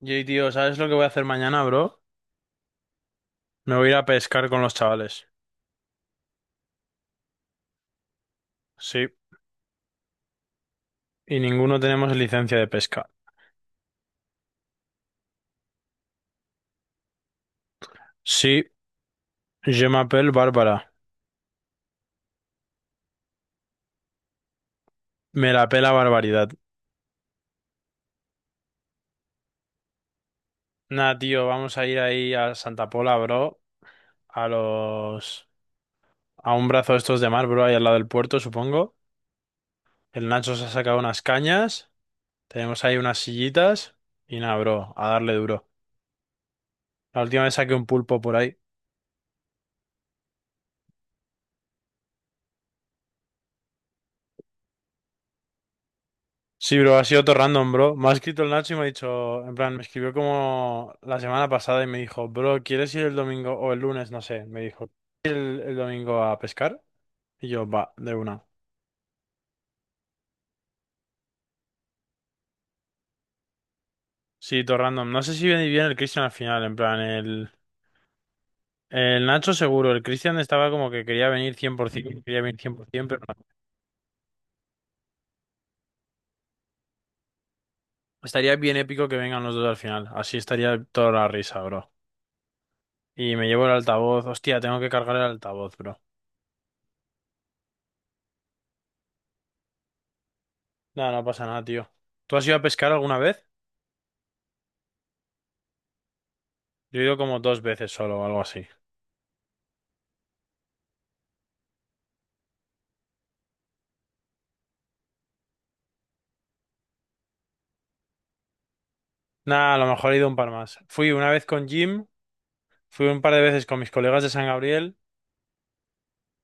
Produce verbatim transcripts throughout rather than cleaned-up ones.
Jay, tío, ¿sabes lo que voy a hacer mañana, bro? Me voy a ir a pescar con los chavales. Sí, y ninguno tenemos licencia de pesca. Sí, je m'appelle Bárbara. Me la pela barbaridad. Nah, tío, vamos a ir ahí a Santa Pola, bro. A los... A un brazo de estos de mar, bro, ahí al lado del puerto, supongo. El Nacho se ha sacado unas cañas. Tenemos ahí unas sillitas. Y nada, bro, a darle duro. La última vez saqué un pulpo por ahí. Sí, bro, ha sido todo random, bro. Me ha escrito el Nacho y me ha dicho, en plan, me escribió como la semana pasada y me dijo, bro, ¿quieres ir el domingo o el lunes? No sé. Me dijo, ¿quieres ir el, el domingo a pescar? Y yo, va, de una. Sí, todo random. No sé si viene bien el Cristian al final, en plan, el, el Nacho seguro. El Cristian estaba como que quería venir cien por que quería venir cien por ciento, pero no. Estaría bien épico que vengan los dos al final. Así estaría toda la risa, bro. Y me llevo el altavoz. Hostia, tengo que cargar el altavoz, bro. No, no pasa nada, tío. ¿Tú has ido a pescar alguna vez? Yo he ido como dos veces solo o algo así. Nada, a lo mejor he ido un par más. Fui una vez con Jim, fui un par de veces con mis colegas de San Gabriel,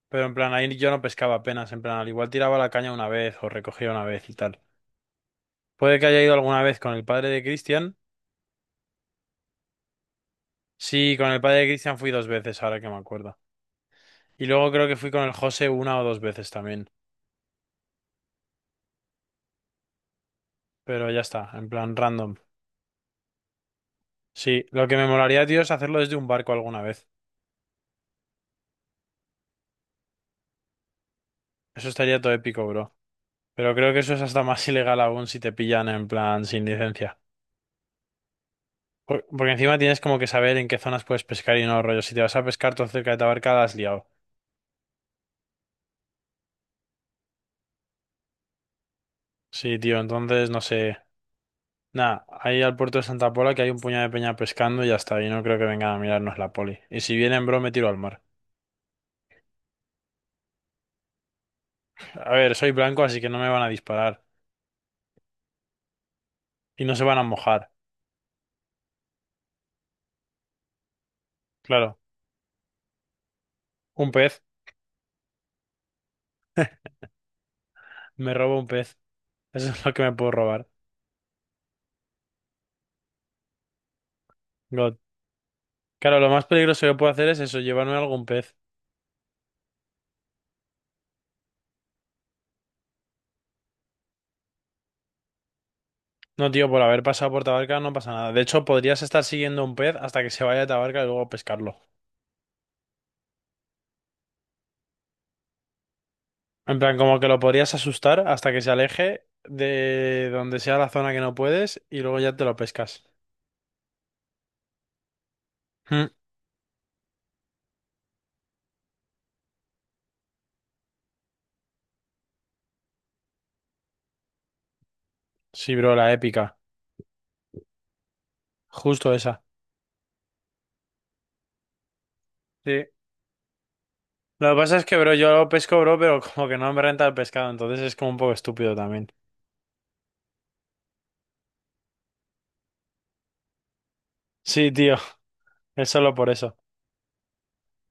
pero en plan ahí yo no pescaba apenas, en plan al igual tiraba la caña una vez o recogía una vez y tal. Puede que haya ido alguna vez con el padre de Cristian. Sí, con el padre de Cristian fui dos veces, ahora que me acuerdo. Y luego creo que fui con el José una o dos veces también. Pero ya está, en plan random. Sí, lo que me molaría, tío, es hacerlo desde un barco alguna vez. Eso estaría todo épico, bro. Pero creo que eso es hasta más ilegal aún si te pillan en plan sin licencia. Por- Porque encima tienes como que saber en qué zonas puedes pescar y no, rollo. Si te vas a pescar todo cerca de Tabarca, la has liado. Sí, tío, entonces no sé. Nada, ahí al puerto de Santa Pola que hay un puñado de peña pescando y ya está. Y no creo que vengan a mirarnos la poli. Y si vienen, bro, me tiro al mar. A ver, soy blanco, así que no me van a disparar. Y no se van a mojar. Claro, un pez. Me robo un pez. Eso es lo que me puedo robar. God. Claro, lo más peligroso que puedo hacer es eso, llevarme algún pez. No, tío, por haber pasado por Tabarca no pasa nada. De hecho, podrías estar siguiendo un pez hasta que se vaya a Tabarca y luego pescarlo. En plan, como que lo podrías asustar hasta que se aleje de donde sea la zona que no puedes y luego ya te lo pescas. Mm. Sí, bro, la épica. Justo esa. Sí. Lo que pasa es que, bro, yo lo pesco, bro, pero como que no me renta el pescado, entonces es como un poco estúpido también. Sí, tío, es solo por eso.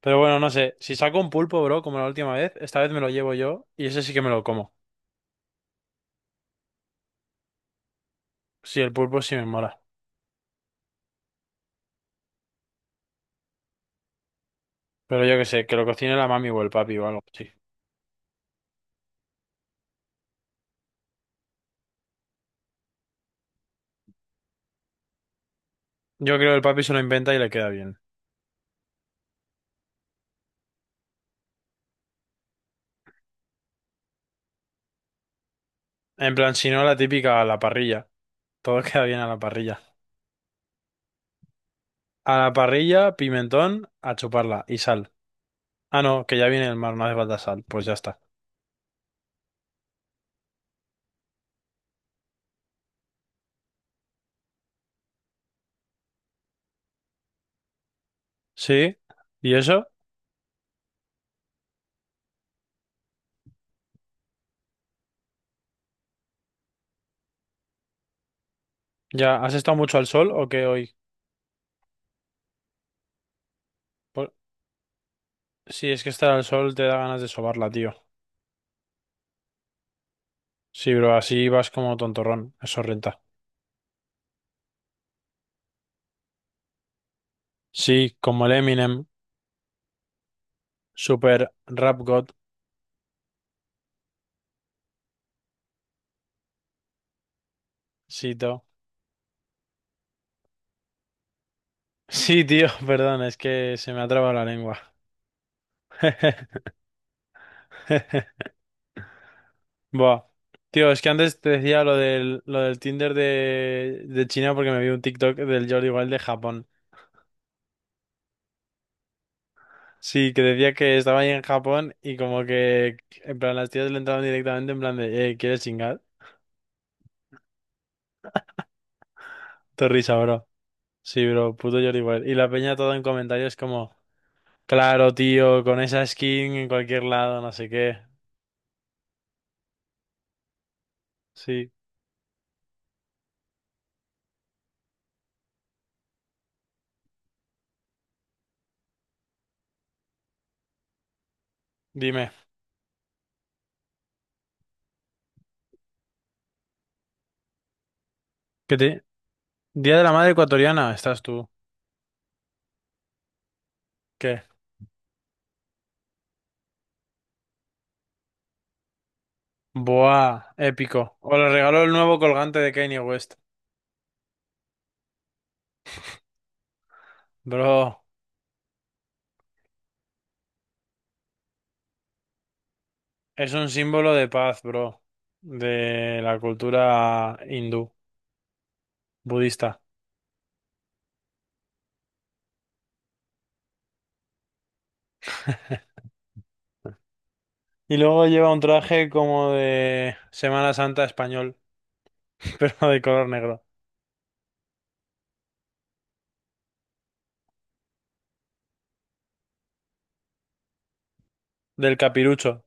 Pero bueno, no sé. Si saco un pulpo, bro, como la última vez, esta vez me lo llevo yo y ese sí que me lo como. Sí, el pulpo sí me mola. Pero yo qué sé, que lo cocine la mami o el papi o algo, sí. Yo creo que el papi se lo inventa y le queda bien. En plan, si no, la típica a la parrilla. Todo queda bien a la parrilla. A la parrilla, pimentón, a chuparla y sal. Ah, no, que ya viene el mar, no hace falta sal. Pues ya está. Sí. ¿Y eso? ¿Ya has estado mucho al sol o qué hoy? Por- Sí, es que estar al sol te da ganas de sobarla, tío. Sí, bro, así vas como tontorrón. Eso renta. Sí, como el Eminem. Super rap god. Sí, tío. Sí, tío, perdón, es que se me ha trabado la lengua. Buah. Tío, es que antes te decía lo del, lo del Tinder de, de China porque me vi un TikTok del Jordi igual de Japón. Sí, que decía que estaba ahí en Japón y como que, en plan, las tías le entraban directamente en plan de, eh, ¿quieres chingar? Te risa, bro. Sí, bro, puto Jordi igual. Y la peña todo en comentarios como, claro, tío, con esa skin en cualquier lado, no sé qué. Sí, dime. ¿Qué te... Día de la Madre Ecuatoriana, estás tú. ¿Qué? Buah, épico. O le regaló el nuevo colgante de Kanye West. Bro, es un símbolo de paz, bro, de la cultura hindú, budista. Y luego lleva un traje como de Semana Santa español, pero de color negro, del capirucho.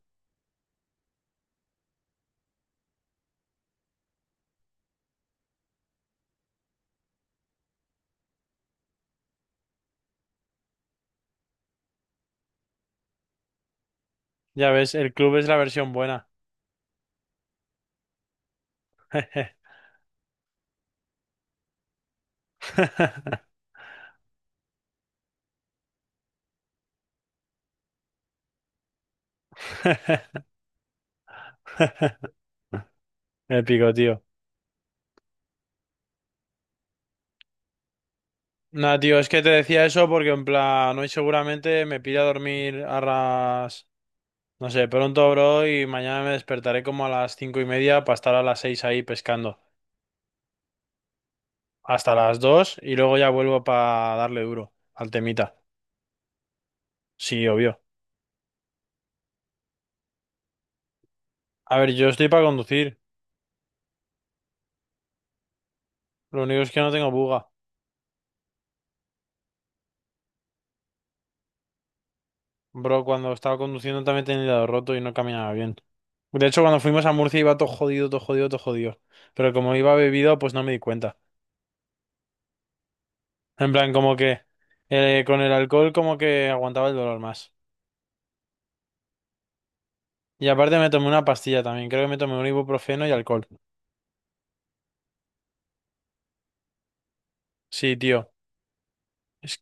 Ya ves, el club es la versión buena. Épico, tío. Nah, tío, es que te decía eso porque en plan, hoy seguramente me pira a dormir a las... No sé, pronto, bro, y mañana me despertaré como a las cinco y media para estar a las seis ahí pescando. Hasta las dos y luego ya vuelvo para darle duro al temita. Sí, obvio. A ver, yo estoy para conducir. Lo único es que no tengo buga. Bro, cuando estaba conduciendo también tenía el dedo roto y no caminaba bien. De hecho, cuando fuimos a Murcia iba todo jodido, todo jodido, todo jodido. Pero como iba bebido, pues no me di cuenta. En plan, como que eh, con el alcohol como que aguantaba el dolor más. Y aparte me tomé una pastilla también. Creo que me tomé un ibuprofeno y alcohol. Sí, tío. Es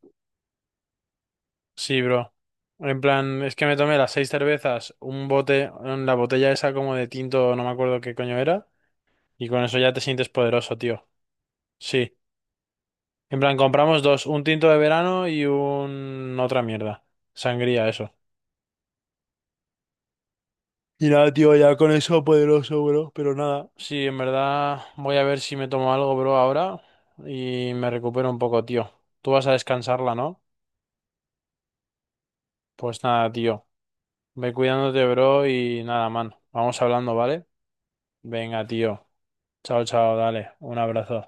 Sí, bro. En plan, es que me tomé las seis cervezas, un bote, en la botella esa como de tinto, no me acuerdo qué coño era, y con eso ya te sientes poderoso, tío. Sí. En plan, compramos dos, un tinto de verano y un... otra mierda. Sangría, eso. Y nada, tío, ya con eso poderoso, bro, pero nada. Sí, en verdad voy a ver si me tomo algo, bro, ahora y me recupero un poco, tío. Tú vas a descansarla, ¿no? Pues nada, tío. Ve cuidándote, bro, y nada, man. Vamos hablando, ¿vale? Venga, tío. Chao, chao, dale. Un abrazo.